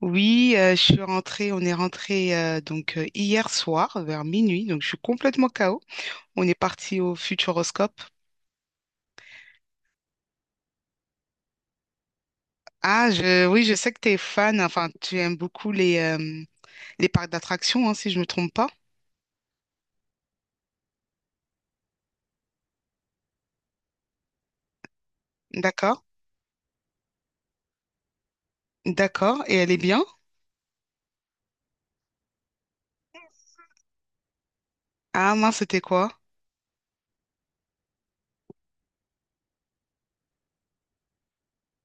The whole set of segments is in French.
Oui, je suis rentrée, on est rentré donc hier soir vers minuit, donc je suis complètement KO. On est parti au Futuroscope. Ah, oui, je sais que tu es fan, enfin tu aimes beaucoup les parcs d'attractions, hein, si je me trompe pas. D'accord, d'accord, et elle est bien? Ah mince, c'était quoi?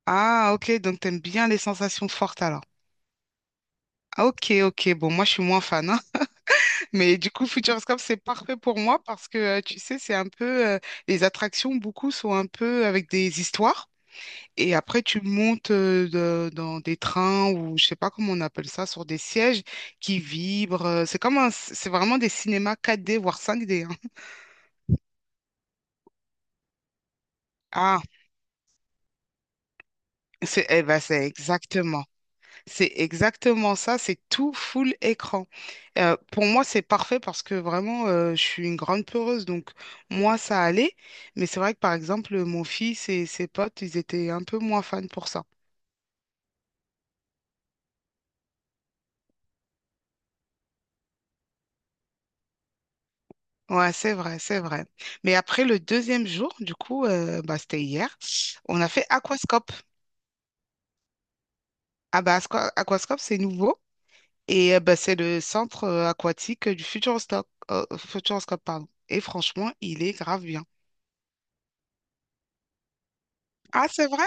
Ah ok, donc t'aimes bien les sensations fortes alors. Ah, ok, ok, bon, moi je suis moins fan, hein. Mais du coup, Futuroscope, c'est parfait pour moi parce que, tu sais, les attractions, beaucoup sont un peu avec des histoires. Et après, tu montes dans des trains ou je sais pas comment on appelle ça, sur des sièges qui vibrent. C'est comme c'est vraiment des cinémas 4D, voire 5D, hein. Ah, eh ben, c'est exactement. C'est exactement ça. C'est tout full écran. Pour moi, c'est parfait parce que vraiment, je suis une grande peureuse. Donc, moi, ça allait. Mais c'est vrai que, par exemple, mon fils et ses potes, ils étaient un peu moins fans pour ça. Ouais, c'est vrai, c'est vrai. Mais après le deuxième jour, du coup, bah, c'était hier, on a fait aquascope. Ah bah aquascope, c'est nouveau et bah, c'est le centre aquatique du Futuroscope, Futuroscope, pardon. Et franchement, il est grave bien. Ah, c'est vrai?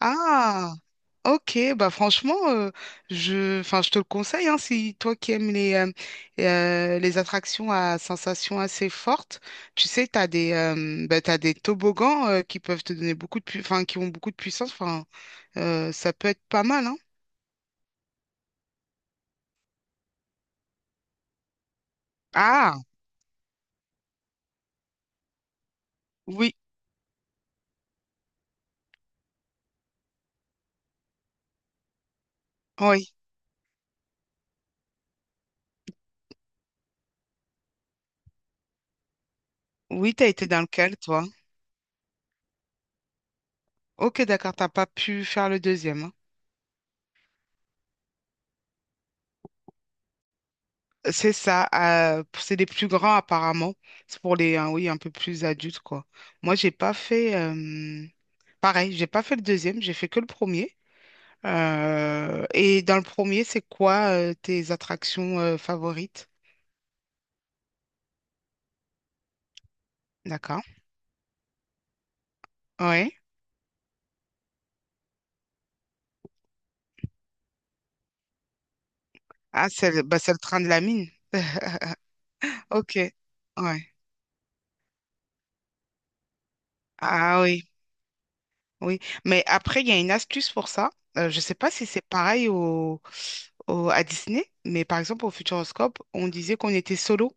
Ah. Ok, bah franchement, enfin, je te le conseille, hein, si toi qui aimes les attractions à sensations assez fortes, tu sais, t'as des toboggans qui peuvent te donner beaucoup de, enfin, qui ont beaucoup de puissance, enfin, ça peut être pas mal, hein. Ah, oui, oui, oui, t'as été dans lequel, toi? Ok, d'accord, t'as pas pu faire le deuxième, hein. C'est ça, c'est les plus grands apparemment. C'est pour oui, un peu plus adultes, quoi. Moi, j'ai pas fait. Pareil, j'ai pas fait le deuxième, j'ai fait que le premier. Et dans le premier, c'est quoi tes attractions favorites? D'accord. Ouais. Ah, bah, c'est le train de la mine. Ok. Ouais. Ah oui, oui. Mais après, il y a une astuce pour ça. Je ne sais pas si c'est pareil à Disney, mais par exemple au Futuroscope, on disait qu'on était solo.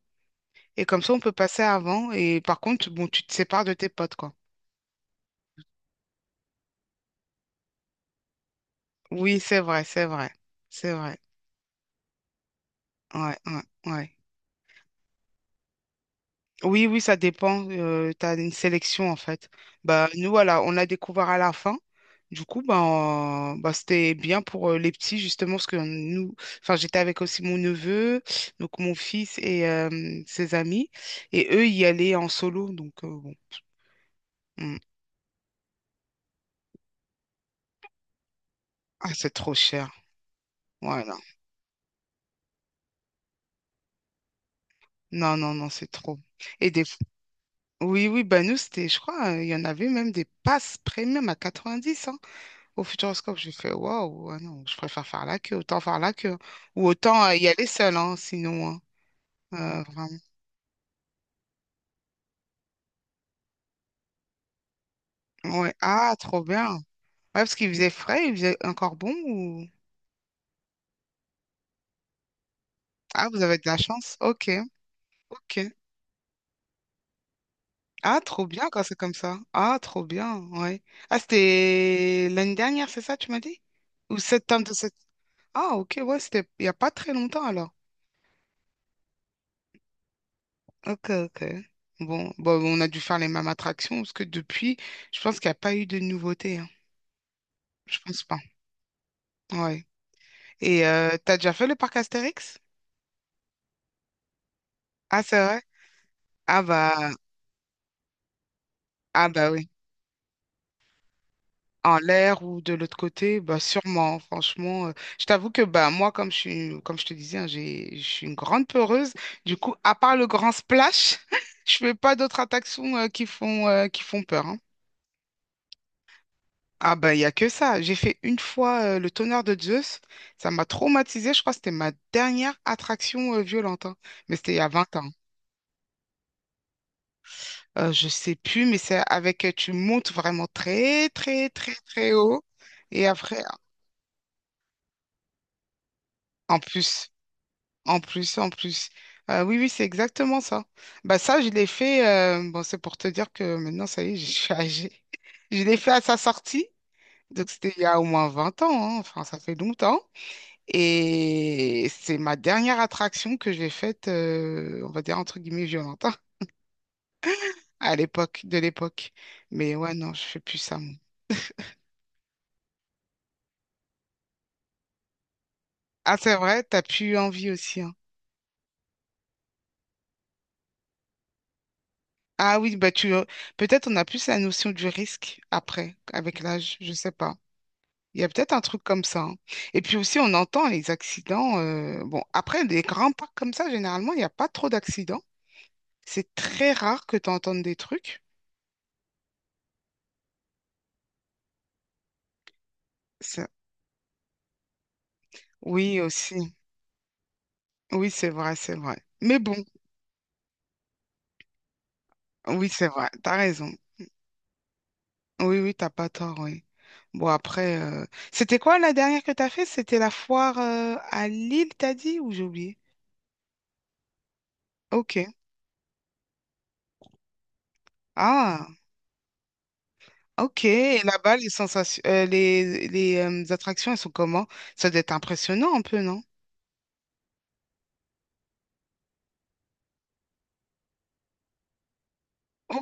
Et comme ça, on peut passer avant. Et par contre, bon, tu te sépares de tes potes, quoi. Oui, c'est vrai, c'est vrai. C'est vrai. Ouais, ouais, ouais. Oui, oui, ça dépend. Tu as une sélection en fait. Bah, nous, voilà, on a découvert à la fin. Du coup, ben, c'était bien pour les petits, justement, parce que nous, enfin, j'étais avec aussi mon neveu, donc mon fils et ses amis. Et eux, y allaient en solo. Donc, bon. Mm. Ah, c'est trop cher. Voilà. Non, non, non, c'est trop. Et des... Oui, oui, bah, nous, c'était, je crois, il y en avait même des passes premium à 90. Au Futuroscope, j'ai fait waouh, ah non, je préfère faire la queue, autant faire la queue. Ou autant y aller seul, hein, sinon, hein. Vraiment. Ouais. Ah, trop bien. Ouais, parce qu'il faisait frais, il faisait encore bon ou... Ah, vous avez de la chance. Ok, ok. Ah, trop bien quand c'est comme ça. Ah, trop bien, ouais. Ah, c'était l'année dernière, c'est ça, tu m'as dit? Ou septembre de cette... Ah, ok, ouais, c'était il n'y a pas très longtemps alors. Ok, ok. Bon, bon, on a dû faire les mêmes attractions parce que depuis, je pense qu'il n'y a pas eu de nouveautés, hein. Je pense pas. Ouais. Et t'as déjà fait le parc Astérix? Ah, c'est vrai? Ah bah, ah bah oui. En l'air ou de l'autre côté, bah sûrement, franchement. Je t'avoue que bah moi, comme je suis, comme je te disais, hein, je suis une grande peureuse. Du coup, à part le grand splash, je fais pas d'autres attractions qui font peur, hein. Ah ben il y a que ça. J'ai fait une fois le tonnerre de Zeus. Ça m'a traumatisée. Je crois que c'était ma dernière attraction violente, hein. Mais c'était il y a 20 ans. Je sais plus, mais tu montes vraiment très, très, très, très haut. Et après, en plus, en plus, en plus. Oui, oui, c'est exactement ça. Bah, ça, je l'ai fait, bon, c'est pour te dire que maintenant, ça y est, je suis âgée. Je l'ai fait à sa sortie. Donc, c'était il y a au moins 20 ans, hein. Enfin, ça fait longtemps. Et c'est ma dernière attraction que j'ai faite, on va dire, entre guillemets, violente, hein, à l'époque, de l'époque. Mais ouais, non, je fais plus ça. Ah, c'est vrai, t'as plus eu envie aussi, hein. Ah oui, bah tu peut-être on a plus la notion du risque après, avec l'âge, je sais pas. Il y a peut-être un truc comme ça, hein. Et puis aussi, on entend les accidents. Bon, après, des grands parcs comme ça, généralement, il n'y a pas trop d'accidents. C'est très rare que tu entendes des trucs. Ça- Oui, aussi. Oui, c'est vrai, c'est vrai. Mais bon, oui, c'est vrai, t'as raison. Oui, oui, t'as pas tort, oui. Bon, après, c'était quoi la dernière que t'as fait? C'était la foire à Lille, t'as dit, ou j'ai oublié? Ok. Ah, ok. Et là-bas, les sensations, les attractions, elles sont comment? Ça doit être impressionnant un peu, non? O-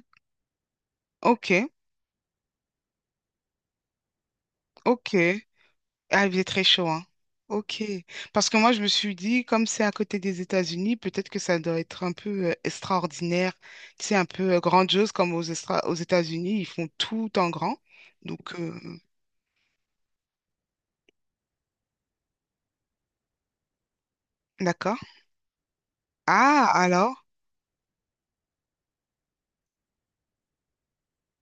ok, ok. Ah, il est très chaud, hein. Ok. Parce que moi, je me suis dit, comme c'est à côté des États-Unis, peut-être que ça doit être un peu extraordinaire. C'est un peu grandiose, comme aux États-Unis, ils font tout en grand. Donc, d'accord. Ah, alors?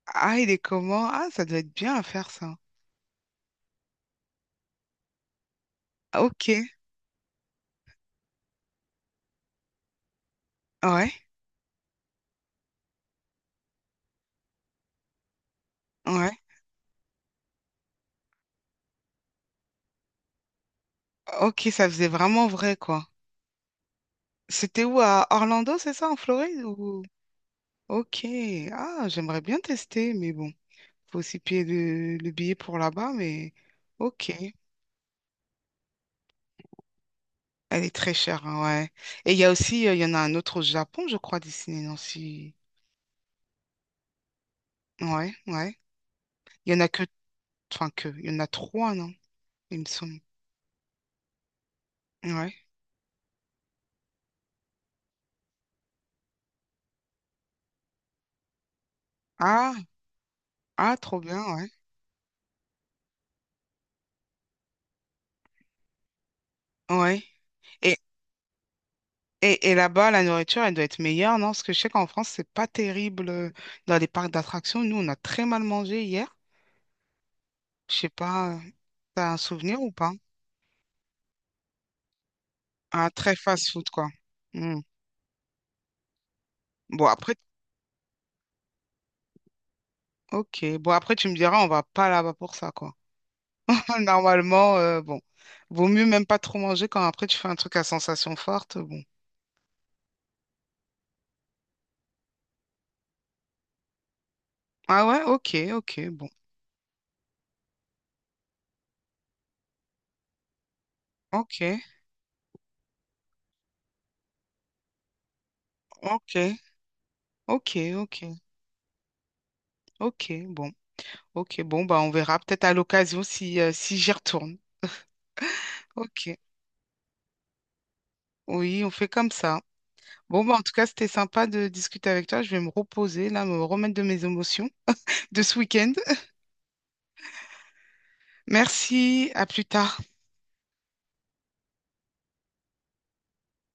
Ah, il est comment? Ah, ça doit être bien à faire ça. Ok. Ouais, ouais. Ok, ça faisait vraiment vrai, quoi. C'était où, à Orlando, c'est ça, en Floride ou... Ok, ah, j'aimerais bien tester, mais bon, faut aussi payer le billet pour là-bas, mais ok, elle est très chère, hein, ouais. Et il y a aussi, il y en a un autre au Japon, je crois, Disney, non, si... Ouais, ouais. Il y en a que, enfin que, il y en a trois, non, il me semble. Ouais. Ah, ah, trop bien, ouais. Ouais. et et là-bas, la nourriture, elle doit être meilleure, non? Parce que je sais qu'en France, c'est pas terrible dans les parcs d'attractions. Nous, on a très mal mangé hier. Je sais pas, t'as un souvenir ou pas? Ah, très fast-food, quoi. Hmm. Bon, après, ok. Bon, après, tu me diras, on va pas là-bas pour ça, quoi. Normalement, bon, vaut mieux même pas trop manger quand après tu fais un truc à sensation forte. Bon. Ah ouais, ok, ok, bon. Ok, ok, ok, ok, ok, bon. Ok, bon, bah on verra peut-être à l'occasion si j'y retourne. Ok. Oui, on fait comme ça. Bon, bah, en tout cas, c'était sympa de discuter avec toi. Je vais me reposer, là, me remettre de mes émotions de ce week-end. Merci, à plus tard.